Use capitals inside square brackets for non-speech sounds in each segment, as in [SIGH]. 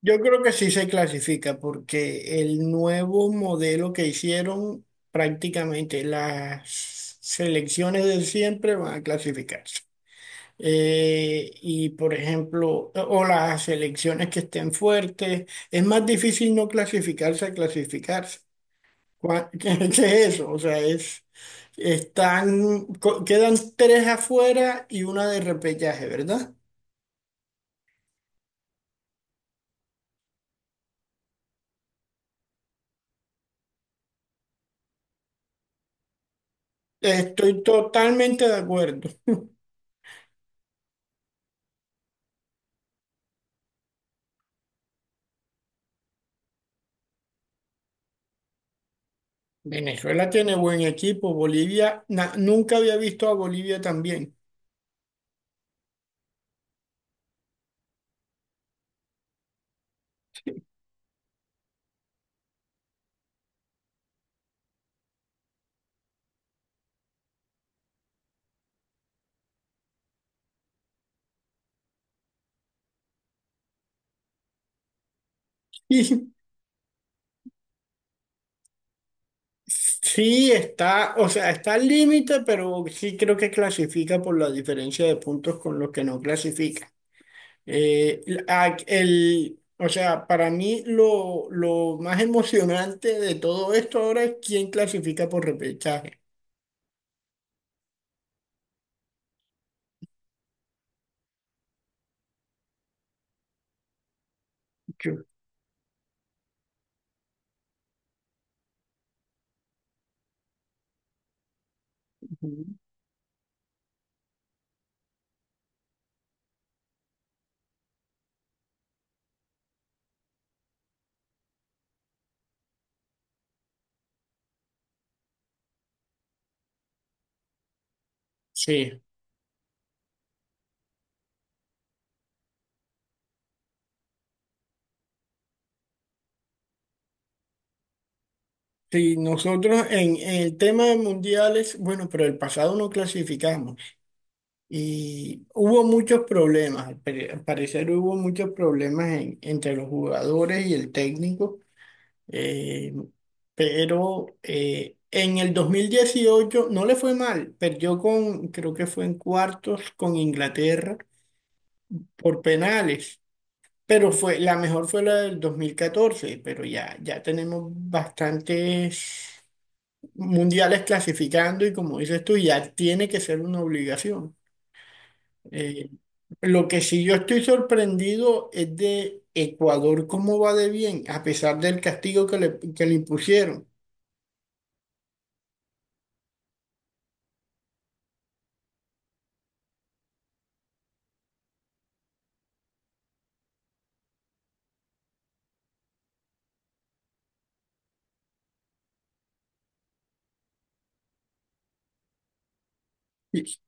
Yo creo que sí se clasifica porque el nuevo modelo que hicieron, prácticamente las selecciones de siempre van a clasificarse. Y por ejemplo, o las selecciones que estén fuertes, es más difícil no clasificarse a clasificarse. [LAUGHS] ¿Qué es eso? O sea, es, están, quedan tres afuera y una de repechaje, ¿verdad? Estoy totalmente de acuerdo. Venezuela tiene buen equipo. Bolivia, nunca había visto a Bolivia tan bien. [LAUGHS] Y sí está, o sea, está al límite, pero sí creo que clasifica por la diferencia de puntos con los que no clasifica. O sea, para mí lo más emocionante de todo esto ahora es quién clasifica por repechaje. Yo- ujú. Sí. Sí, nosotros en el tema de mundiales, bueno, pero el pasado no clasificamos. Y hubo muchos problemas, al parecer hubo muchos problemas entre los jugadores y el técnico, eh, en el 2018 no le fue mal, perdió con, creo que fue en cuartos con Inglaterra por penales, pero la mejor fue la del 2014, pero ya tenemos bastantes mundiales clasificando y como dices tú, ya tiene que ser una obligación. Eh, lo que sí yo estoy sorprendido es de Ecuador, cómo va de bien, a pesar del castigo que que le impusieron. Sí, sí,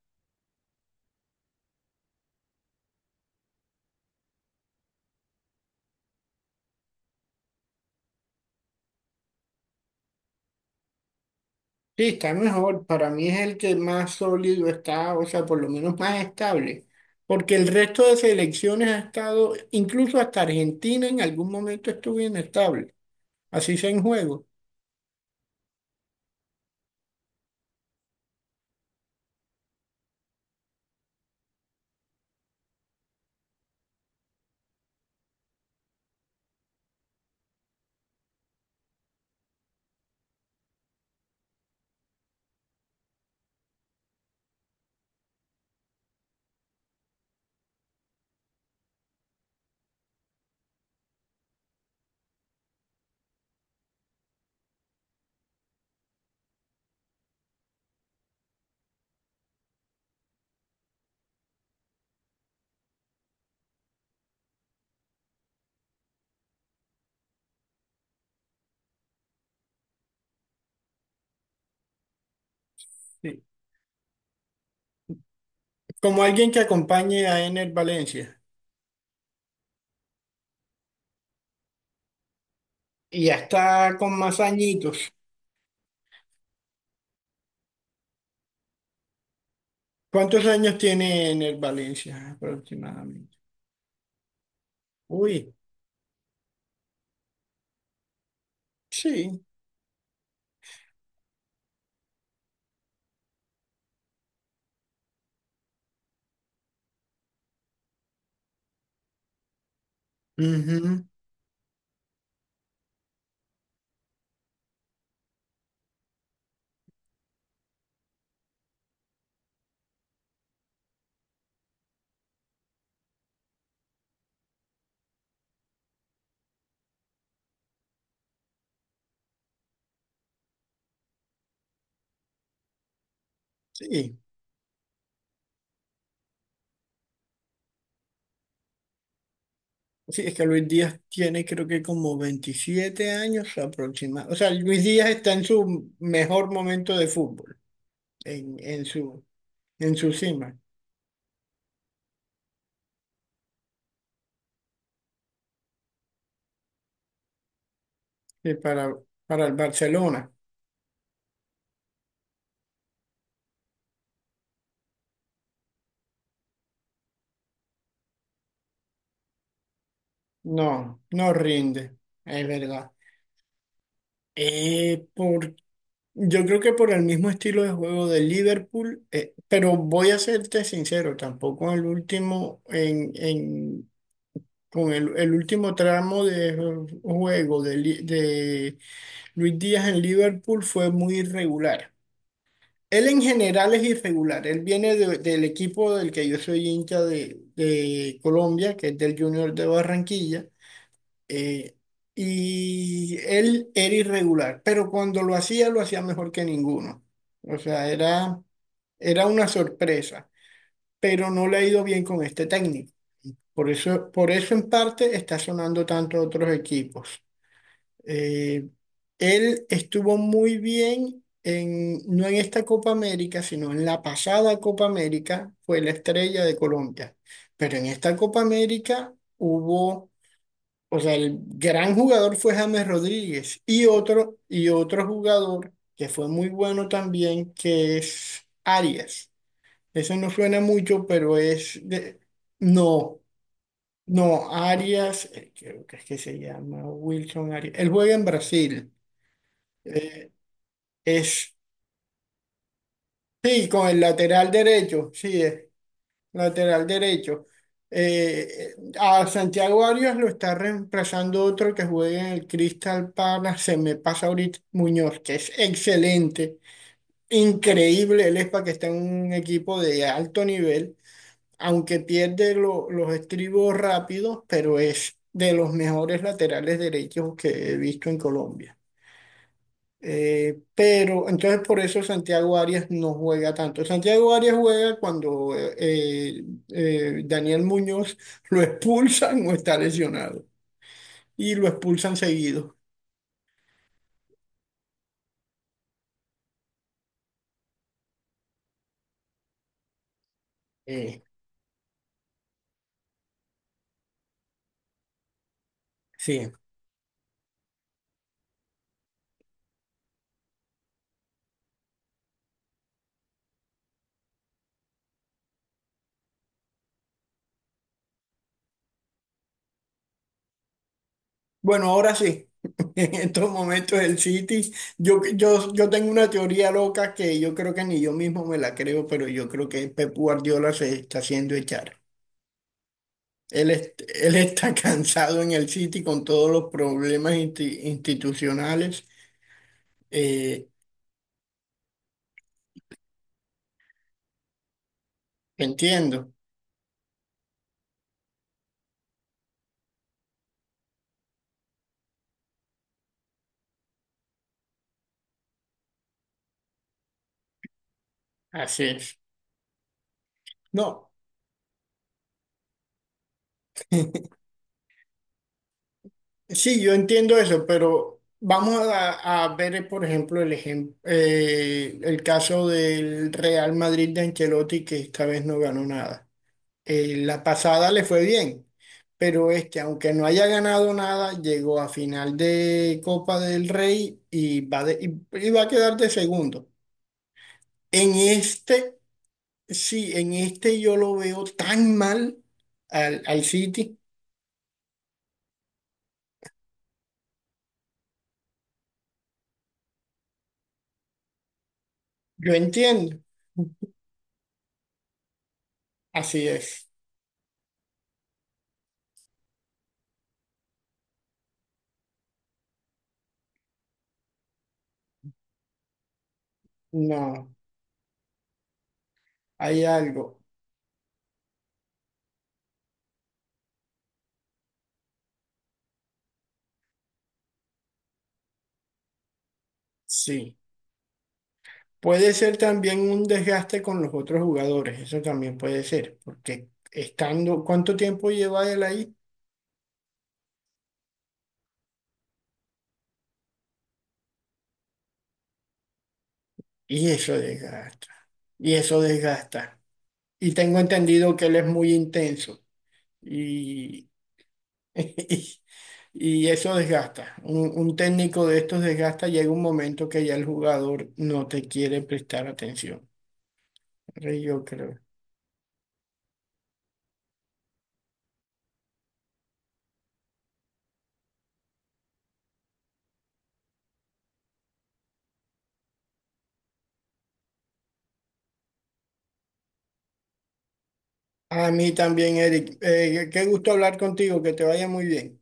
está mejor, para mí es el que más sólido está, o sea, por lo menos más estable, porque el resto de selecciones ha estado, incluso hasta Argentina en algún momento estuvo inestable, así sea en juego. Sí. Como alguien que acompañe a Ener Valencia, y ya está con más añitos. ¿Cuántos años tiene Ener Valencia aproximadamente? Uy, sí. Ujú. Sí. Sí, es que Luis Díaz tiene creo que como 27 años aproximadamente. O sea, Luis Díaz está en su mejor momento de fútbol, en, en su, en su cima, sí, para el Barcelona. No, no rinde, es verdad. Eh, por, yo creo que por el mismo estilo de juego de Liverpool, pero voy a serte sincero, tampoco el último en con el último tramo de juego de, de Luis Díaz en Liverpool fue muy irregular. Él en general es irregular. Él viene del equipo del que yo soy hincha de Colombia, que es del Junior de Barranquilla. Eh, y él era irregular, pero cuando lo hacía mejor que ninguno. O sea, era una sorpresa, pero no le ha ido bien con este técnico. Por eso en parte está sonando tanto a otros equipos. Eh, él estuvo muy bien en, no en esta Copa América, sino en la pasada Copa América, fue la estrella de Colombia. Pero en esta Copa América hubo, o sea, el gran jugador fue James Rodríguez y y otro jugador que fue muy bueno también, que es Arias. Eso no suena mucho, pero es de, no, no, Arias, creo que es que se llama Wilson Arias. Él juega en Brasil. Eh, es, sí, con el lateral derecho, sí, es lateral derecho. A Santiago Arias lo está reemplazando otro que juega en el Crystal Palace, se me pasa ahorita Muñoz, que es excelente, increíble, él es para que está en un equipo de alto nivel, aunque pierde los estribos rápidos, pero es de los mejores laterales derechos que he visto en Colombia. Pero entonces por eso Santiago Arias no juega tanto. Santiago Arias juega cuando Daniel Muñoz [LAUGHS] lo expulsan o está lesionado. Y lo expulsan seguido. Eh, sí. Bueno, ahora sí. [LAUGHS] En estos momentos el City, yo tengo una teoría loca que yo creo que ni yo mismo me la creo, pero yo creo que Pep Guardiola se está haciendo echar. Él está [LAUGHS] cansado en el City con todos los problemas institucionales. Eh, entiendo, así es. No, sí, yo entiendo eso, pero vamos a ver, por ejemplo, el caso del Real Madrid de Ancelotti, que esta vez no ganó nada. La pasada le fue bien, pero este, aunque no haya ganado nada, llegó a final de Copa del Rey y y va a quedar de segundo. En este, sí, en este yo lo veo tan mal al City. Yo entiendo, así es. No, hay algo, sí. Puede ser también un desgaste con los otros jugadores, eso también puede ser, porque estando, ¿cuánto tiempo lleva él ahí? Y eso desgasta, y eso desgasta. Y tengo entendido que él es muy intenso y, [LAUGHS] eso desgasta. Un técnico de estos desgasta, llega un momento que ya el jugador no te quiere prestar atención. Yo creo. A mí también, Eric. Qué gusto hablar contigo, que te vaya muy bien.